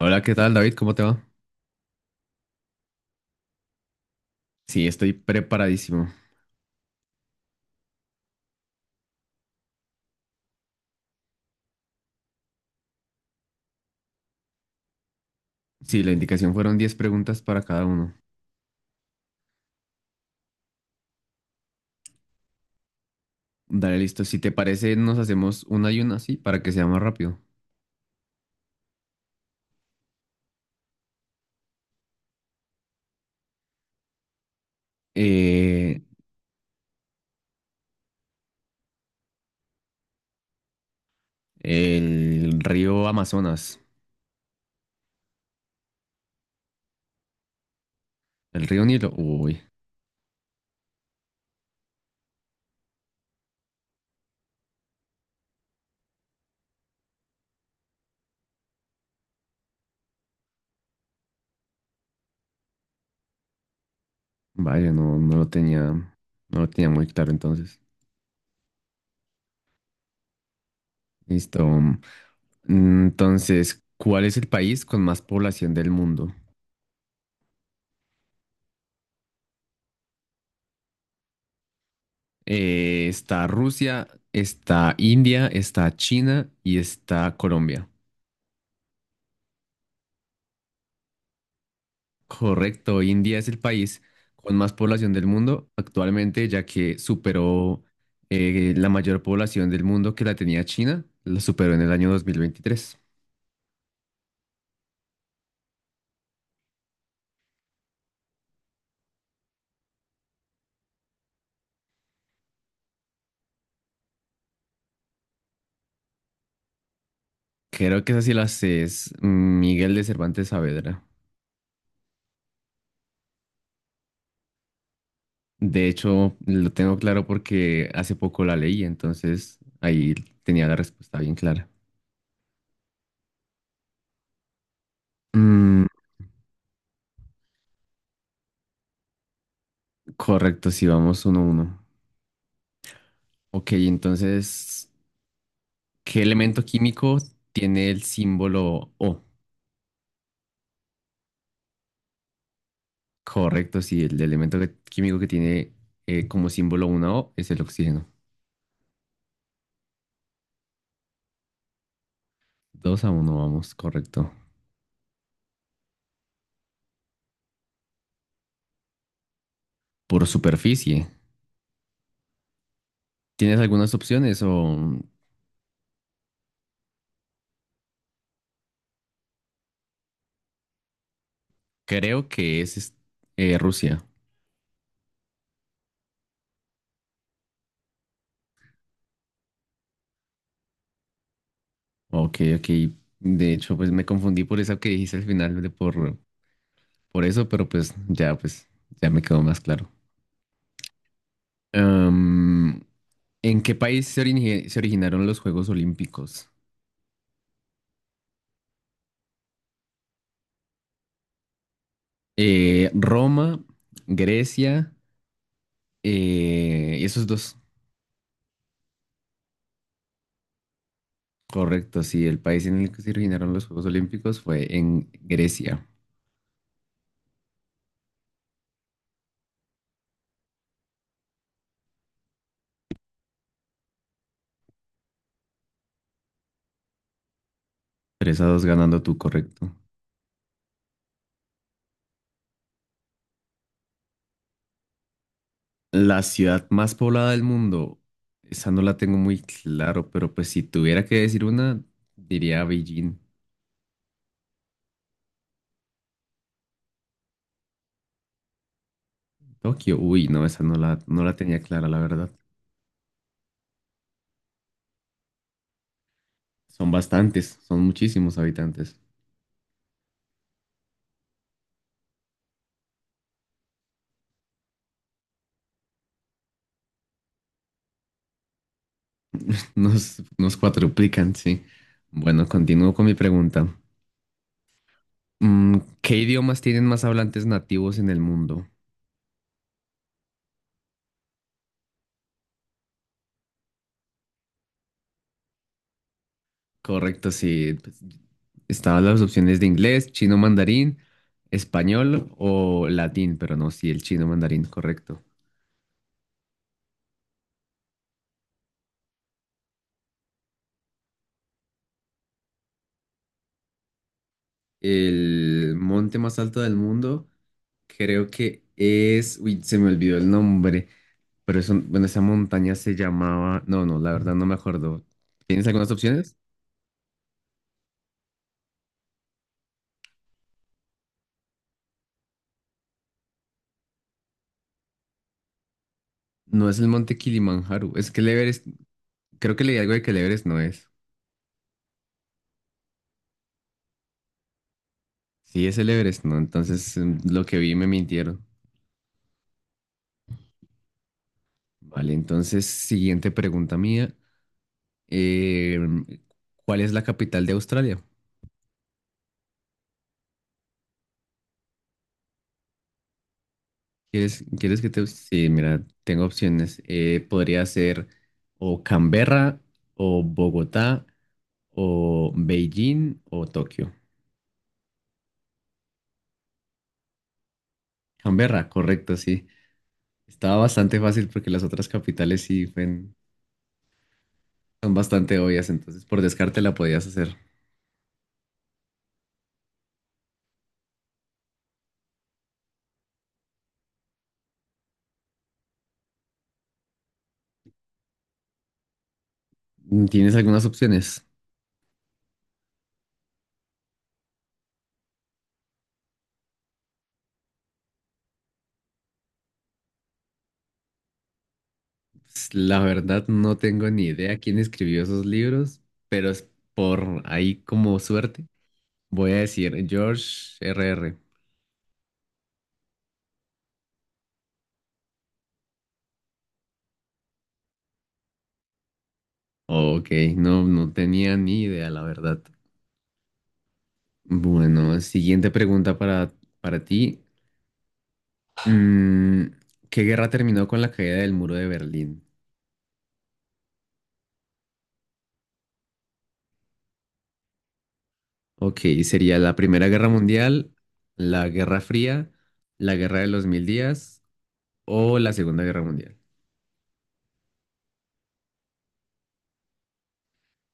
Hola, ¿qué tal, David? ¿Cómo te va? Sí, estoy preparadísimo. Sí, la indicación fueron 10 preguntas para cada uno. Dale, listo. Si te parece, nos hacemos una y una, sí, para que sea más rápido. Eh, el río Amazonas. ¿El río Nilo? Uy, vaya, no, no lo tenía muy claro entonces. Listo. Entonces, ¿cuál es el país con más población del mundo? Está Rusia, está India, está China y está Colombia. Correcto, India es el país con más población del mundo actualmente, ya que superó la mayor población del mundo que la tenía China, la superó en el año 2023. Creo que esa sí la sé, es Miguel de Cervantes Saavedra. De hecho, lo tengo claro porque hace poco la leí, entonces ahí tenía la respuesta bien clara. Mm, correcto, sí, vamos 1-1. Ok, entonces, ¿qué elemento químico tiene el símbolo O? Correcto, sí, el elemento químico que tiene como símbolo una O es el oxígeno. 2-1, vamos, correcto. Por superficie. ¿Tienes algunas opciones o creo que es Rusia? Ok, ok. De hecho, pues me confundí por eso que dijiste al final de por eso, pero pues ya, ya me quedó más claro. Em, ¿En qué país se, se originaron los Juegos Olímpicos? Roma, Grecia, esos dos. Correcto, sí, el país en el que se originaron los Juegos Olímpicos fue en Grecia. 3-2 ganando tú, correcto. La ciudad más poblada del mundo, esa no la tengo muy claro, pero pues si tuviera que decir una, diría Beijing. Tokio, uy, no, esa no no la tenía clara, la verdad. Son bastantes, son muchísimos habitantes. Nos cuadruplican, sí. Bueno, continúo con mi pregunta. ¿Qué idiomas tienen más hablantes nativos en el mundo? Correcto, sí, pues estaban las opciones de inglés, chino mandarín, español o latín, pero no, sí, el chino mandarín, correcto. El monte más alto del mundo, creo que es, uy, se me olvidó el nombre, pero eso, bueno, esa montaña se llamaba, no, no, la verdad no me acuerdo. ¿Tienes algunas opciones? No es el monte Kilimanjaro, es que el Everest, creo que leí algo de que el Everest no es. Sí, es el Everest, no, entonces lo que vi me mintieron. Vale, entonces, siguiente pregunta mía. Eh, ¿Cuál es la capital de Australia? ¿Quieres que te...? Sí, mira, tengo opciones. Podría ser o Canberra, o Bogotá, o Beijing, o Tokio. Canberra, correcto, sí. Estaba bastante fácil porque las otras capitales sí son bastante obvias, entonces por descarte la podías hacer. ¿Tienes algunas opciones? Pues, la verdad no tengo ni idea quién escribió esos libros, pero es por ahí como suerte. Voy a decir George R R. Ok, no, no tenía ni idea, la verdad. Bueno, siguiente pregunta para ti. Mm, ¿Qué guerra terminó con la caída del muro de Berlín? Ok, sería la Primera Guerra Mundial, la Guerra Fría, la Guerra de los Mil Días o la Segunda Guerra Mundial.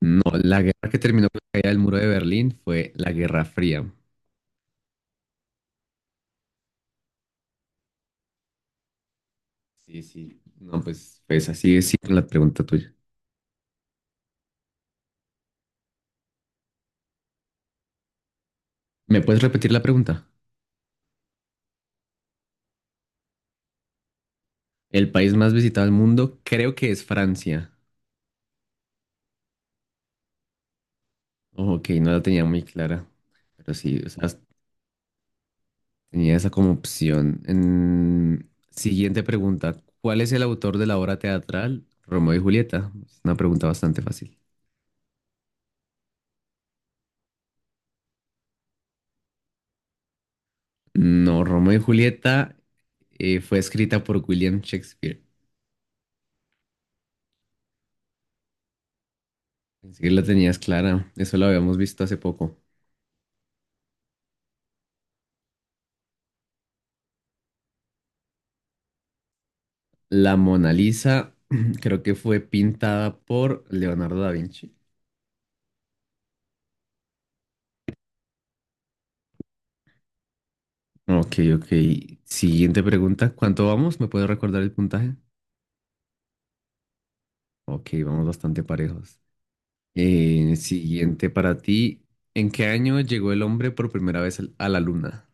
No, la guerra que terminó con la caída del muro de Berlín fue la Guerra Fría. Sí, sí. No, pues así es, sí, con la pregunta tuya. ¿Me puedes repetir la pregunta? El país más visitado del mundo creo que es Francia. Ojo, ok, no la tenía muy clara, pero sí, o sea, tenía esa como opción. Siguiente pregunta, ¿cuál es el autor de la obra teatral Romeo y Julieta? Es una pregunta bastante fácil. No, Romeo y Julieta fue escrita por William Shakespeare. Así que la tenías clara, eso lo habíamos visto hace poco. La Mona Lisa creo que fue pintada por Leonardo da Vinci. Ok, ok. Siguiente pregunta. ¿Cuánto vamos? ¿Me puedes recordar el puntaje? Ok, vamos bastante parejos. Siguiente para ti. ¿En qué año llegó el hombre por primera vez a la luna?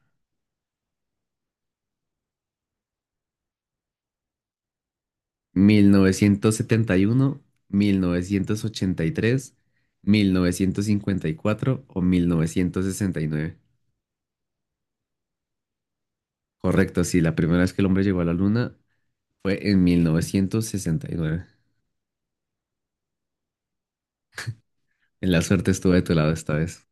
Mil novecientos setenta y uno, 1983, 1954 o 1969. Correcto, sí, la primera vez que el hombre llegó a la luna fue en 1969. En la suerte estuve de tu lado esta vez.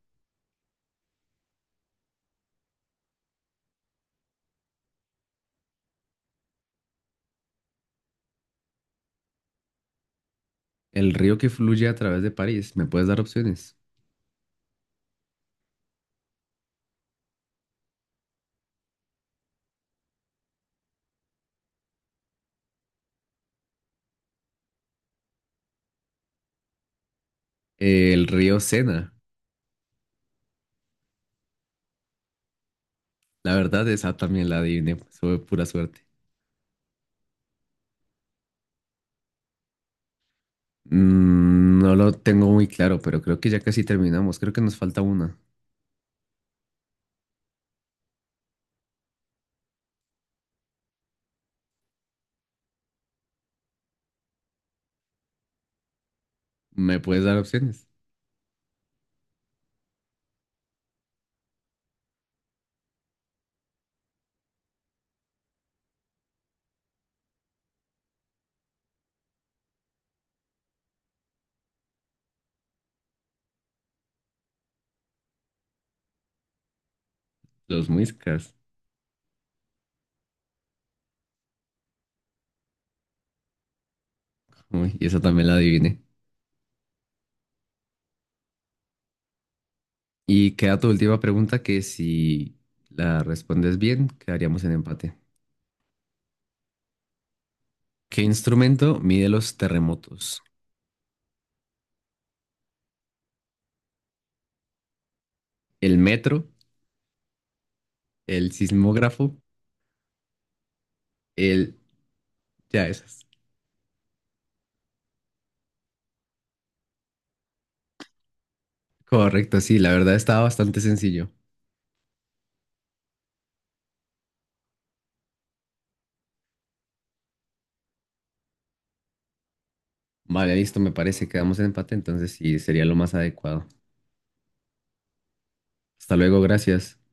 El río que fluye a través de París, ¿me puedes dar opciones? El río Sena. La verdad, esa también la adiviné. Pues, fue pura suerte. No lo tengo muy claro, pero creo que ya casi terminamos. Creo que nos falta una. ¿Me puedes dar opciones? Los Muiscas. Uy, y esa también la adiviné. Y queda tu última pregunta que si la respondes bien, quedaríamos en empate. ¿Qué instrumento mide los terremotos? ¿El metro? ¿El sismógrafo? El... Ya esas. Correcto, sí, la verdad estaba bastante sencillo. Vale, listo, me parece. Quedamos en empate, entonces sí, sería lo más adecuado. Hasta luego, gracias.